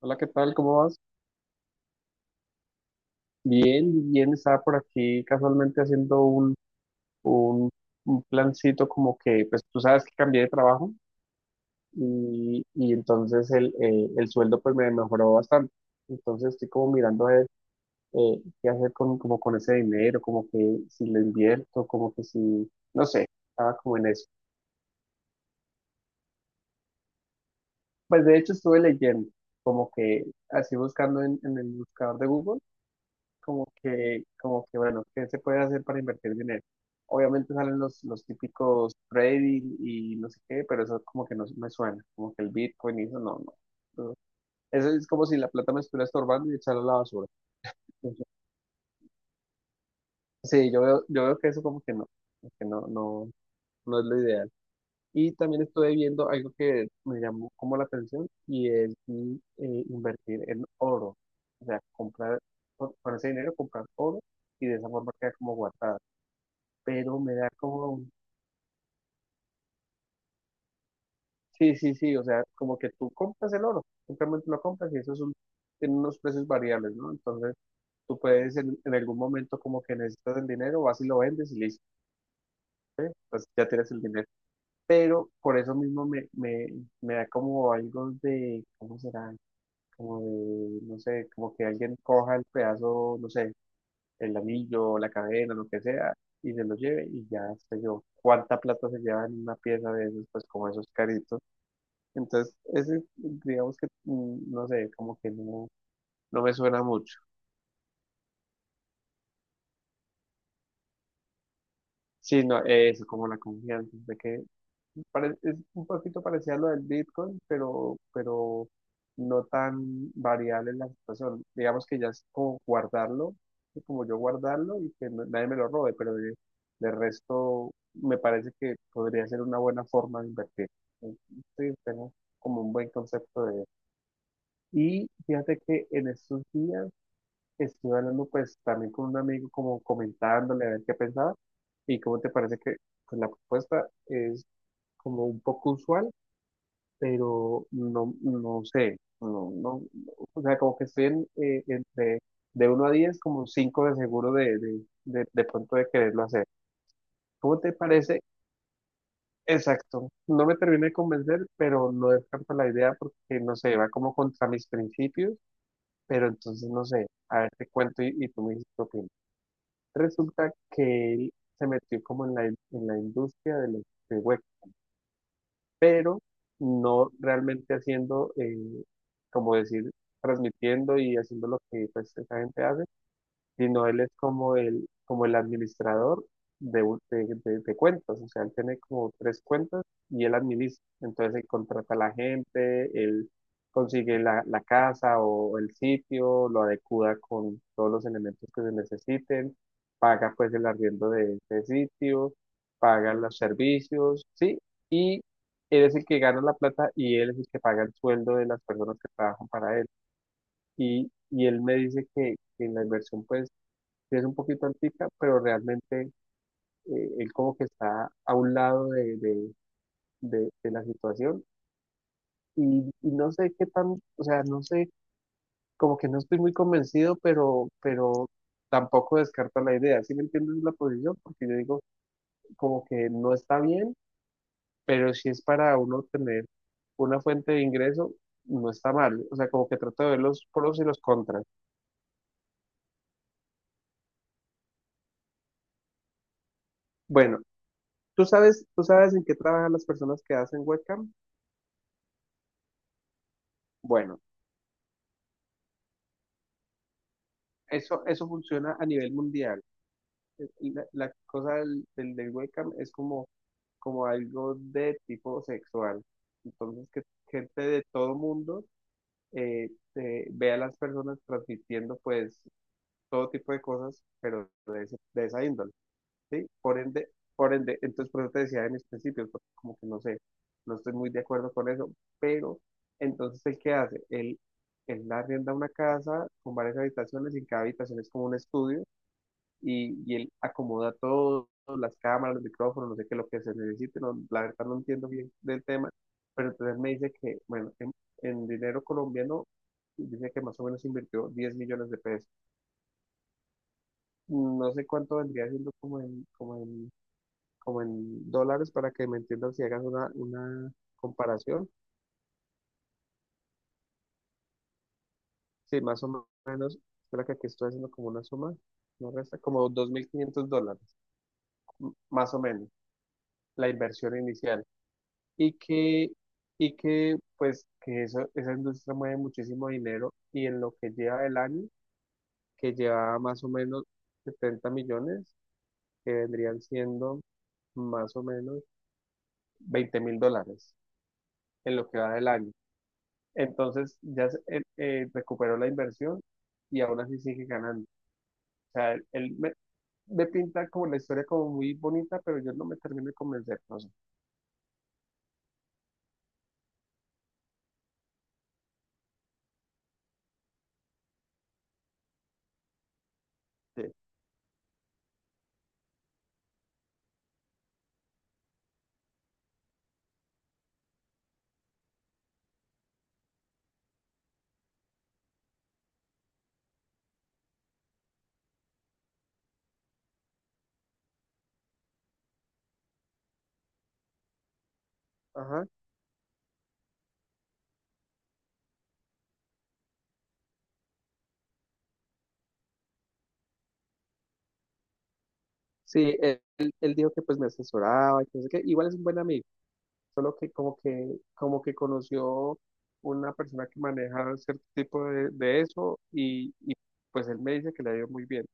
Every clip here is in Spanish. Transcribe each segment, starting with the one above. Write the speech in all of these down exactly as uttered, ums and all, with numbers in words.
Hola, ¿qué tal? ¿Cómo vas? Bien, bien, estaba por aquí casualmente haciendo un, un, un plancito como que, pues tú sabes que cambié de trabajo y, y entonces el, eh, el sueldo pues me mejoró bastante. Entonces estoy como mirando a ver eh, qué hacer con, como con ese dinero, como que si lo invierto, como que si, no sé, estaba como en eso. Pues de hecho estuve leyendo, como que así buscando en, en el buscador de Google como que, como que, bueno, ¿qué se puede hacer para invertir dinero? Obviamente salen los, los típicos trading y no sé qué, pero eso como que no no me suena, como que el Bitcoin y eso no, no. No. Eso es como si la plata me estuviera estorbando y echarla a la basura. Ujú. Sí, yo veo, yo veo que eso como que no, como que no, no, no es lo ideal. Y también estuve viendo algo que me llamó como la atención y es mm, eh, invertir en oro. O sea, comprar, con, con ese dinero comprar oro y de esa forma queda como guardado. Pero me da como, sí, sí, sí, o sea, como que tú compras el oro, simplemente lo compras y eso es un, tiene unos precios variables, ¿no? Entonces, tú puedes en, en algún momento como que necesitas el dinero, vas y lo vendes y listo, ¿eh? Pues ya tienes el dinero. Pero por eso mismo me, me, me da como algo de, ¿cómo será? Como de, no sé, como que alguien coja el pedazo, no sé, el anillo, la cadena, lo que sea, y se lo lleve y ya sé yo cuánta plata se lleva en una pieza de esas, pues como esos caritos. Entonces, ese, digamos que, mm, no sé, como que no, no, me suena mucho. Sí, no, eso, como la confianza, de que pare- es un poquito parecido a lo del Bitcoin, pero, pero no tan variable en la situación. Digamos que ya es como guardarlo, es como yo guardarlo y que no- nadie me lo robe, pero de, de resto me parece que podría ser una buena forma de invertir. Sí, tengo como un buen concepto de. Y fíjate que en estos días estuve hablando pues también con un amigo como comentándole a ver qué pensaba y cómo te parece que pues, la propuesta es como un poco usual, pero no, no sé, no, no, o sea, como que estoy en, eh, entre de uno a diez como cinco de seguro de, de, de, de pronto de quererlo hacer. ¿Cómo te parece? Exacto, no me terminé de convencer, pero no descarto la idea porque no sé, va como contra mis principios, pero entonces no sé, a ver te cuento y, y tú me dices qué opinas. Resulta que él se metió como en la, in- en la industria del los de web, pero no realmente haciendo, eh, como decir, transmitiendo y haciendo lo que pues, esa gente hace, sino él es como el, como el, administrador de, un- de, de- de cuentas, o sea, él tiene como tres cuentas y él administra, entonces él contrata a la gente, él consigue la, la casa o el sitio, lo adecua con todos los elementos que se necesiten, paga pues el arriendo de ese sitio, paga los servicios, ¿sí? Y él es el que gana la plata y él es el que paga el sueldo de las personas que trabajan para él. Y, y él me dice que, que la inversión, pues, sí es un poquito antica, pero realmente eh, él como que está a un lado de, de, de- de la situación y, y no sé qué tan, o sea, no sé, como que no estoy muy convencido, pero, pero tampoco descarto la idea, ¿sí me entiendes la posición? Porque yo digo como que no está bien, pero si es para uno tener una fuente de ingreso, no está mal, o sea, como que trato de ver los pros y los contras. Bueno, ¿tú sabes, tú sabes en qué trabajan las personas que hacen webcam? Bueno. Eso, eso funciona a nivel mundial. Eh, La, la cosa del, del, del webcam es como, como algo de tipo sexual. Entonces, que gente de todo mundo eh, eh, ve a las personas transmitiendo pues todo tipo de cosas, pero de, ese- de esa índole, ¿sí? Por ende, por ende, entonces por eso te decía en mis principios, porque como que no sé, no estoy muy de acuerdo con eso, pero entonces, ¿el qué hace? Él, él arrienda una casa con varias habitaciones y en cada habitación es como un estudio y, y él acomoda todo, las cámaras, los micrófonos, no sé qué, lo que se necesite, no, la verdad no entiendo bien del tema, pero entonces me dice que, bueno, en, en, dinero colombiano, dice que más o menos invirtió diez millones de pesos. No sé cuánto vendría siendo como en, como en, como en dólares para que me entiendan si hagas una, una comparación. Sí, más o menos, espera que aquí estoy haciendo como una suma, no resta, como dos mil quinientos dólares, m- más o menos, la inversión inicial. y que, y que pues que eso, esa industria mueve muchísimo dinero y en lo que lleva del año, que lleva más o menos setenta millones, que vendrían siendo más o menos veinte mil dólares en lo que va del año. Entonces ya se- eh, eh, recuperó la inversión y aún así sigue ganando. O sea, él, él me, me pinta como la historia como muy bonita, pero yo no me termino de convencer, no sé. Sí. Ajá. Sí, él, él él dijo que pues me asesoraba y que no sé qué. Igual es un buen amigo. Solo que como que, como que conoció una persona que maneja cierto tipo de, de eso y, y pues él me dice que le ha ido muy bien.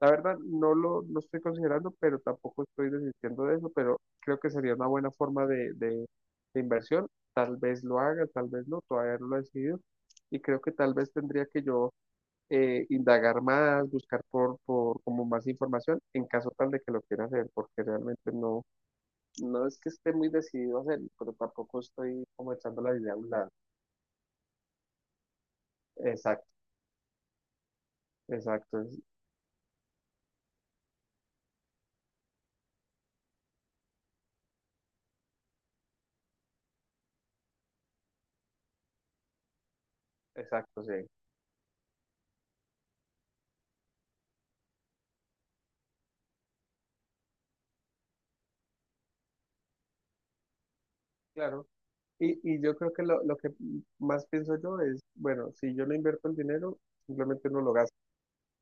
La verdad no lo, no estoy considerando, pero tampoco estoy desistiendo de eso, pero creo que sería una buena forma de, de, de inversión. Tal vez lo haga, tal vez no, todavía no lo he decidido. Y creo que tal vez tendría que yo eh, indagar más, buscar por, por como más información en caso tal de que lo quiera hacer, porque realmente no, no es que esté muy decidido a hacerlo, pero tampoco estoy como echando la idea a un lado. Exacto, exacto, es- exacto, sí, claro. Y, y yo creo que lo, lo, que más pienso yo es, bueno, si yo no invierto el dinero, simplemente uno lo gasta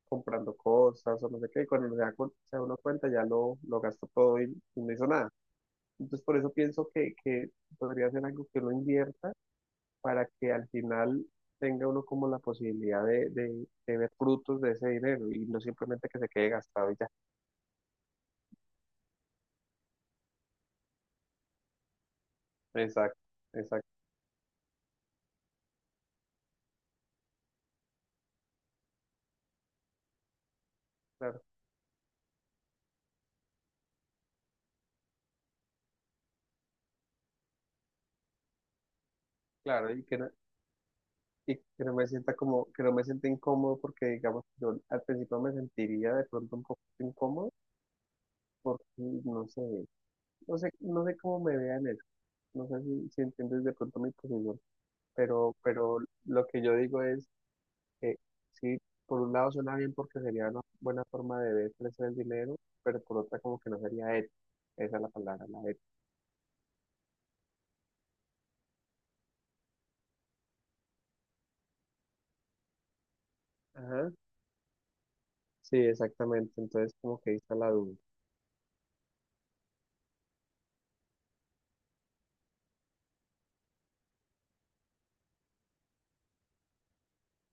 comprando cosas o no sé qué, y cuando se da, cu- se da uno cuenta ya lo, lo gastó todo y, y no hizo nada. Entonces por eso pienso que, que podría ser algo que uno invierta para que al final tenga uno como la posibilidad de, de, de ver frutos de ese dinero y no simplemente que se quede gastado y ya. Exacto, exacto, claro, claro, y que no, y que no me sienta como, que no me sienta incómodo porque digamos, yo al principio me sentiría de pronto un poco incómodo porque no sé, no sé, no sé cómo me vean eso, no sé si, si entiendes de pronto mi posición, pero, pero lo que yo digo es que sí, por un lado suena bien porque sería una buena forma de ver crecer el dinero, pero por otra como que no sería ético, esa es la palabra, la ética. Ajá, sí, exactamente, entonces como que ahí está la duda,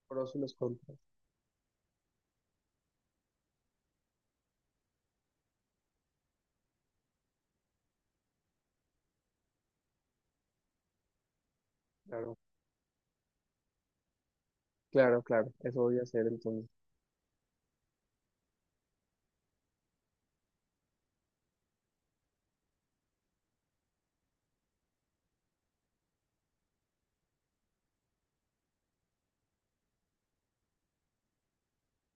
pros y los contras, claro. Claro, claro, eso voy a hacer entonces.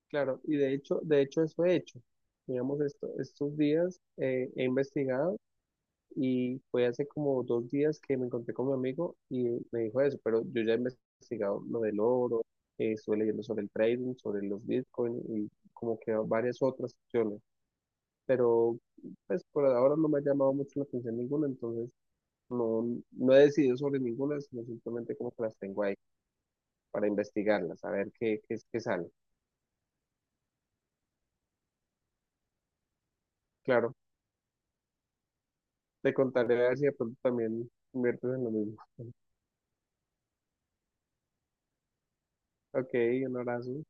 Claro, y de hecho, de hecho eso he hecho. Digamos, esto, estos días eh, he investigado y fue hace como dos días que me encontré con mi amigo y me dijo eso, pero yo ya he investigado lo del oro, eh, estuve leyendo sobre el trading, sobre los bitcoins y como que varias otras opciones, pero pues por ahora no me ha llamado mucho la atención ninguna, entonces no, no he decidido sobre ninguna, sino simplemente como que las tengo ahí para investigarlas, a ver qué, qué, qué sale. Claro. Te contaré a ver si de pronto también inviertes en lo mismo. Ok, un abrazo.